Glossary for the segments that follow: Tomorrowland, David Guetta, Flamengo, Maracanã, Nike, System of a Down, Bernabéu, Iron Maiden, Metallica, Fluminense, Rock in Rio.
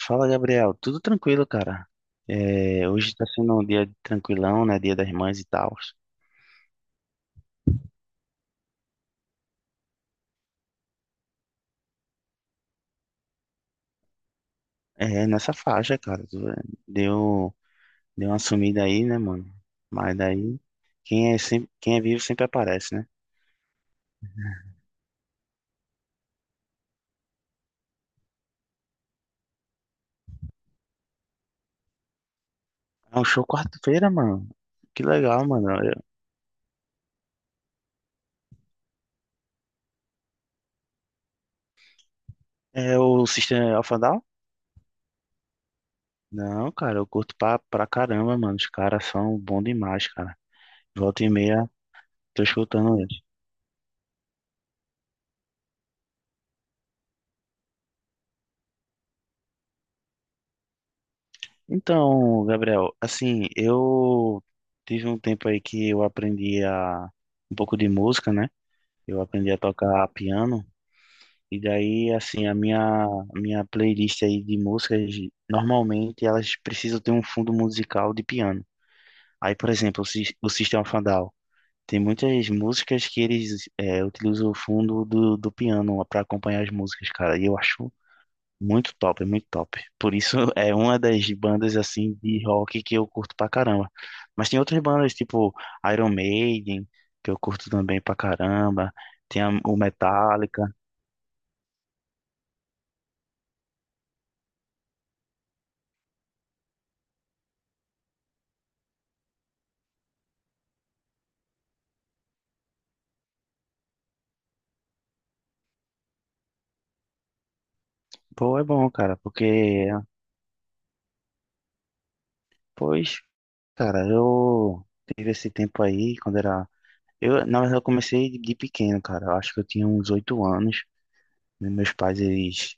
Fala, Gabriel. Tudo tranquilo, cara. É, hoje tá sendo um dia tranquilão, né? Dia das Mães e tal. É, nessa faixa, cara. Deu, deu uma sumida aí, né, mano? Mas daí, quem é, sempre, quem é vivo sempre aparece, né? É um show quarta-feira, mano. Que legal, mano. É o System of a Down? Não, cara, eu curto pra caramba, mano. Os caras são bons demais, cara. Volta e meia, tô escutando eles. Então, Gabriel, assim, eu tive um tempo aí que eu aprendi a um pouco de música, né? Eu aprendi a tocar piano e daí, assim, a minha playlist aí de músicas, normalmente elas precisam ter um fundo musical de piano. Aí, por exemplo, o, o System of a Down tem muitas músicas que eles utilizam o fundo do, do piano para acompanhar as músicas, cara. E eu acho muito top, muito top. Por isso é uma das bandas assim de rock que eu curto pra caramba. Mas tem outras bandas tipo Iron Maiden, que eu curto também pra caramba. Tem o Metallica. Pô, é bom, cara, porque pois, cara, eu tive esse tempo aí quando era eu, na verdade, eu comecei de pequeno, cara. Eu acho que eu tinha uns oito anos. E meus pais eles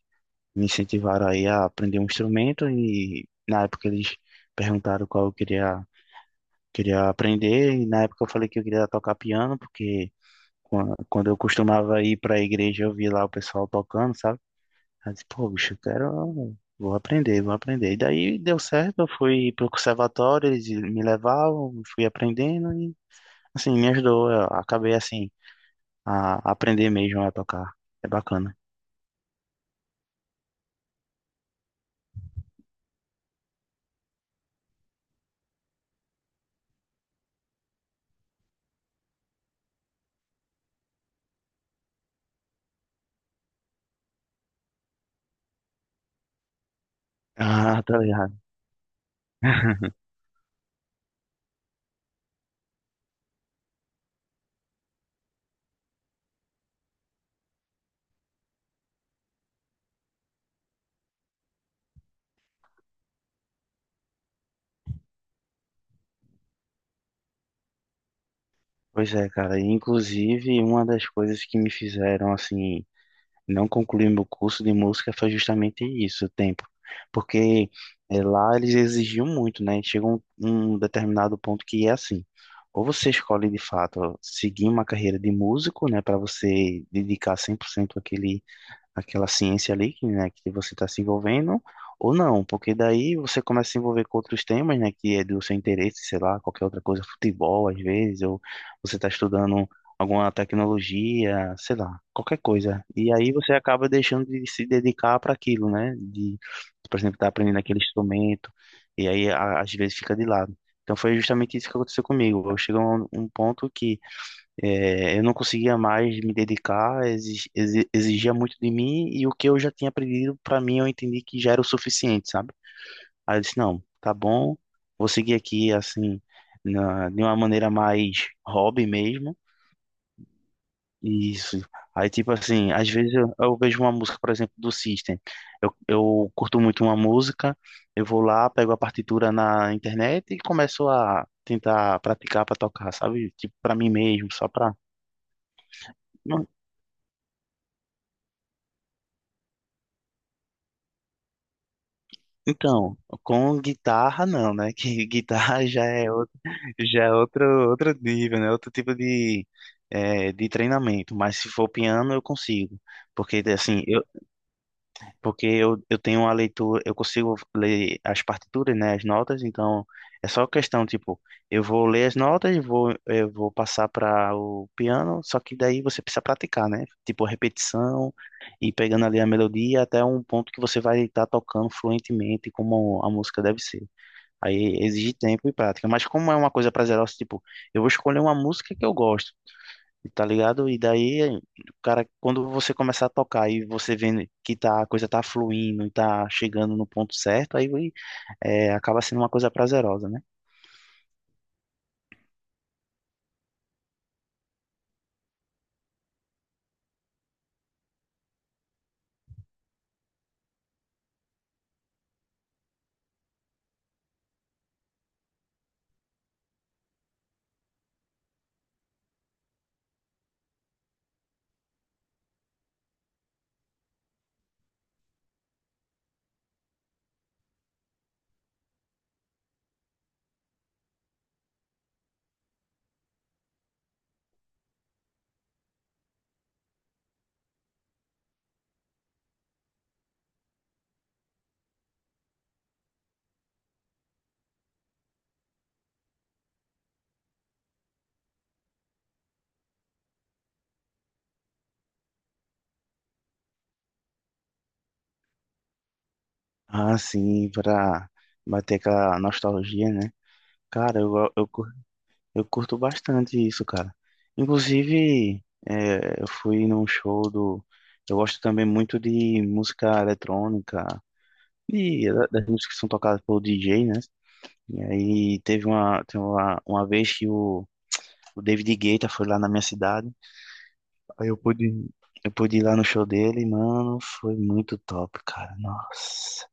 me incentivaram aí a aprender um instrumento e na época eles perguntaram qual eu queria queria aprender e na época eu falei que eu queria tocar piano porque quando eu costumava ir para a igreja eu via lá o pessoal tocando, sabe? Aí eu disse, pô, bicho, eu quero, vou aprender, vou aprender. E daí deu certo, eu fui pro conservatório, eles me levavam, fui aprendendo e assim me ajudou, eu acabei assim a aprender mesmo a tocar. É bacana. Ah, tá ligado. Pois é, cara. E, inclusive, uma das coisas que me fizeram assim não concluir meu curso de música foi justamente isso, o tempo. Porque lá eles exigiam muito, né? Chega um, um determinado ponto que é assim, ou você escolhe de fato seguir uma carreira de músico, né, para você dedicar 100% àquele aquela ciência ali que, né, que você está se envolvendo, ou não, porque daí você começa a se envolver com outros temas, né, que é do seu interesse, sei lá, qualquer outra coisa, futebol às vezes, ou você está estudando alguma tecnologia, sei lá, qualquer coisa. E aí você acaba deixando de se dedicar para aquilo, né, de, por exemplo, estar aprendendo aquele instrumento, e aí às vezes fica de lado. Então foi justamente isso que aconteceu comigo. Eu cheguei a um, um ponto que é, eu não conseguia mais me dedicar, exigia muito de mim e o que eu já tinha aprendido, para mim, eu entendi que já era o suficiente, sabe? Aí eu disse: não, tá bom, vou seguir aqui assim, de uma maneira mais hobby mesmo. E isso. Aí, tipo assim, às vezes eu vejo uma música, por exemplo, do System. Eu curto muito uma música, eu vou lá, pego a partitura na internet e começo a tentar praticar para tocar, sabe? Tipo, para mim mesmo, só para. Então, com guitarra não, né? Que guitarra já é outro, outro nível, né? Outro tipo de, de treinamento. Mas se for piano, eu consigo. Porque, assim, eu porque eu tenho uma leitura, eu consigo ler as partituras, né, as notas, então é só questão, tipo, eu vou ler as notas, vou, eu vou passar para o piano, só que daí você precisa praticar, né? Tipo, repetição e pegando ali a melodia até um ponto que você vai estar tocando fluentemente como a música deve ser. Aí exige tempo e prática, mas como é uma coisa prazerosa, tipo, eu vou escolher uma música que eu gosto, tá ligado? E daí, cara, quando você começar a tocar e você vendo que tá, a coisa tá fluindo e tá chegando no ponto certo, aí é, acaba sendo uma coisa prazerosa, né? Ah, sim, pra bater aquela nostalgia, né? Cara, eu curto bastante isso, cara. Inclusive, é, eu fui num show do. Eu gosto também muito de música eletrônica, e das músicas que são tocadas pelo DJ, né? E aí teve uma vez que o David Guetta foi lá na minha cidade. Aí eu pude ir lá no show dele, e, mano, foi muito top, cara. Nossa.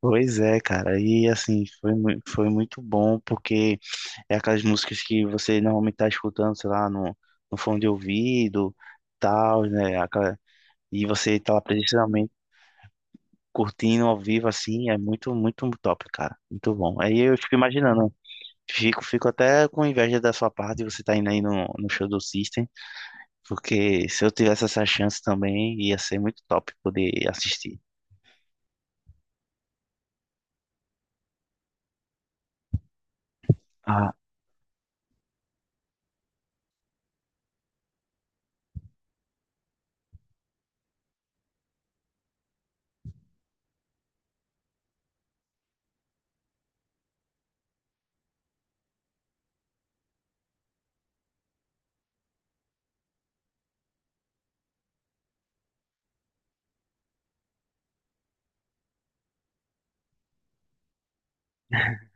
Pois é, cara. E assim, foi, foi muito bom, porque é aquelas músicas que você normalmente tá escutando, sei lá, no, no fone de ouvido, tal, né? Aquela- e você tá lá presencialmente curtindo ao vivo, assim, é muito, muito top, cara. Muito bom. Aí eu fico imaginando, fico, fico até com inveja da sua parte, você tá indo aí no, no show do System. Porque se eu tivesse essa chance também, ia ser muito top poder assistir. Ah.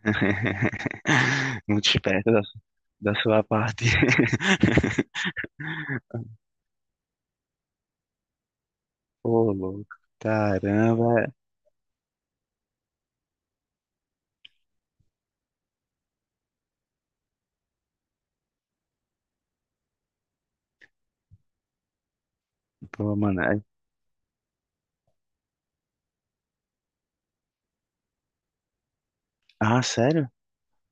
Muito esperto da, da sua parte. Ô, louco. Caramba. Pô, mano. É- Ah, sério?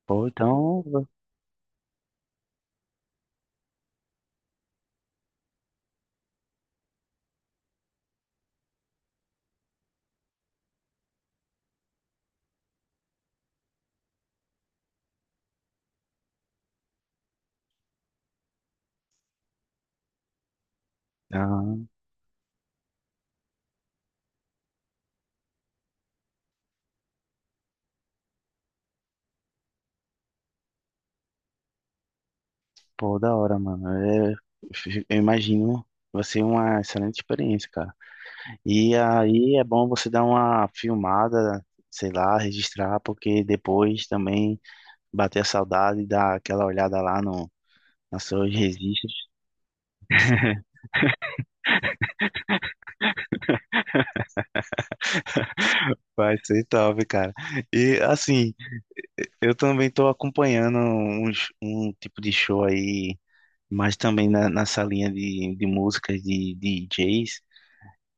Pô, então. Ah, pô, da hora, mano. Eu imagino. Vai ser uma excelente experiência, cara. E aí é bom você dar uma filmada, sei lá, registrar, porque depois também. Bater a saudade, dar aquela olhada lá no, nos seus registros. Vai ser top, cara. E assim, eu também tô acompanhando uns, um tipo de show aí, mas também na, nessa linha de músicas de DJs,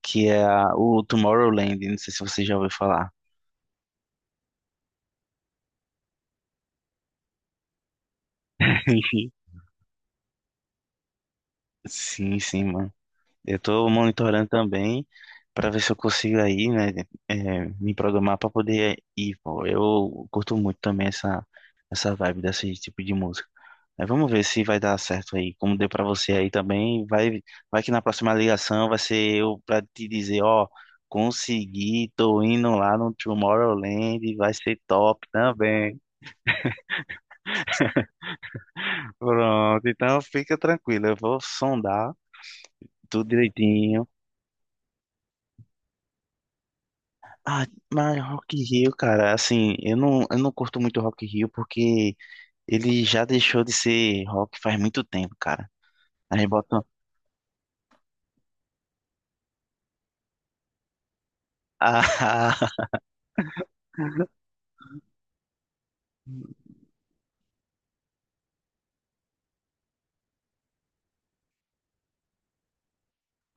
que é o Tomorrowland. Não sei se você já ouviu falar. Sim, sim, mano. Eu tô monitorando também para ver se eu consigo aí, né, é, me programar para poder ir, pô. Eu curto muito também essa essa vibe desse tipo de música. Aí vamos ver se vai dar certo aí, como deu pra você aí também. Vai, vai que na próxima ligação vai ser eu pra te dizer, ó, consegui, tô indo lá no Tomorrowland, vai ser top também. Pronto, então fica tranquilo, eu vou sondar tudo direitinho. Ah, mas Rock in Rio, cara, assim, eu não curto muito Rock in Rio porque ele já deixou de ser rock faz muito tempo, cara. Aí botam. Ah,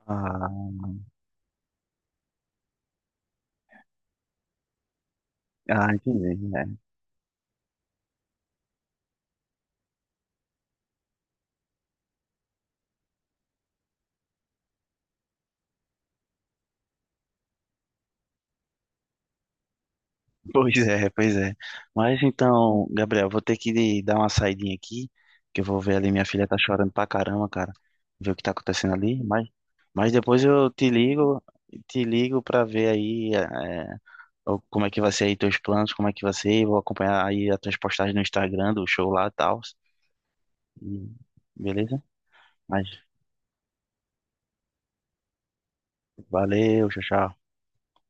ah, ah, entendi. Né? Pois é, pois é. Mas então, Gabriel, vou ter que dar uma saidinha aqui, que eu vou ver ali, minha filha tá chorando pra caramba, cara. Ver o que tá acontecendo ali, mas depois eu te ligo pra ver aí é, o- como é que vai ser aí teus planos, como é que vai ser, vou acompanhar aí as tuas postagens no Instagram, do show lá e tal. E- Beleza? Mas valeu, tchau, tchau.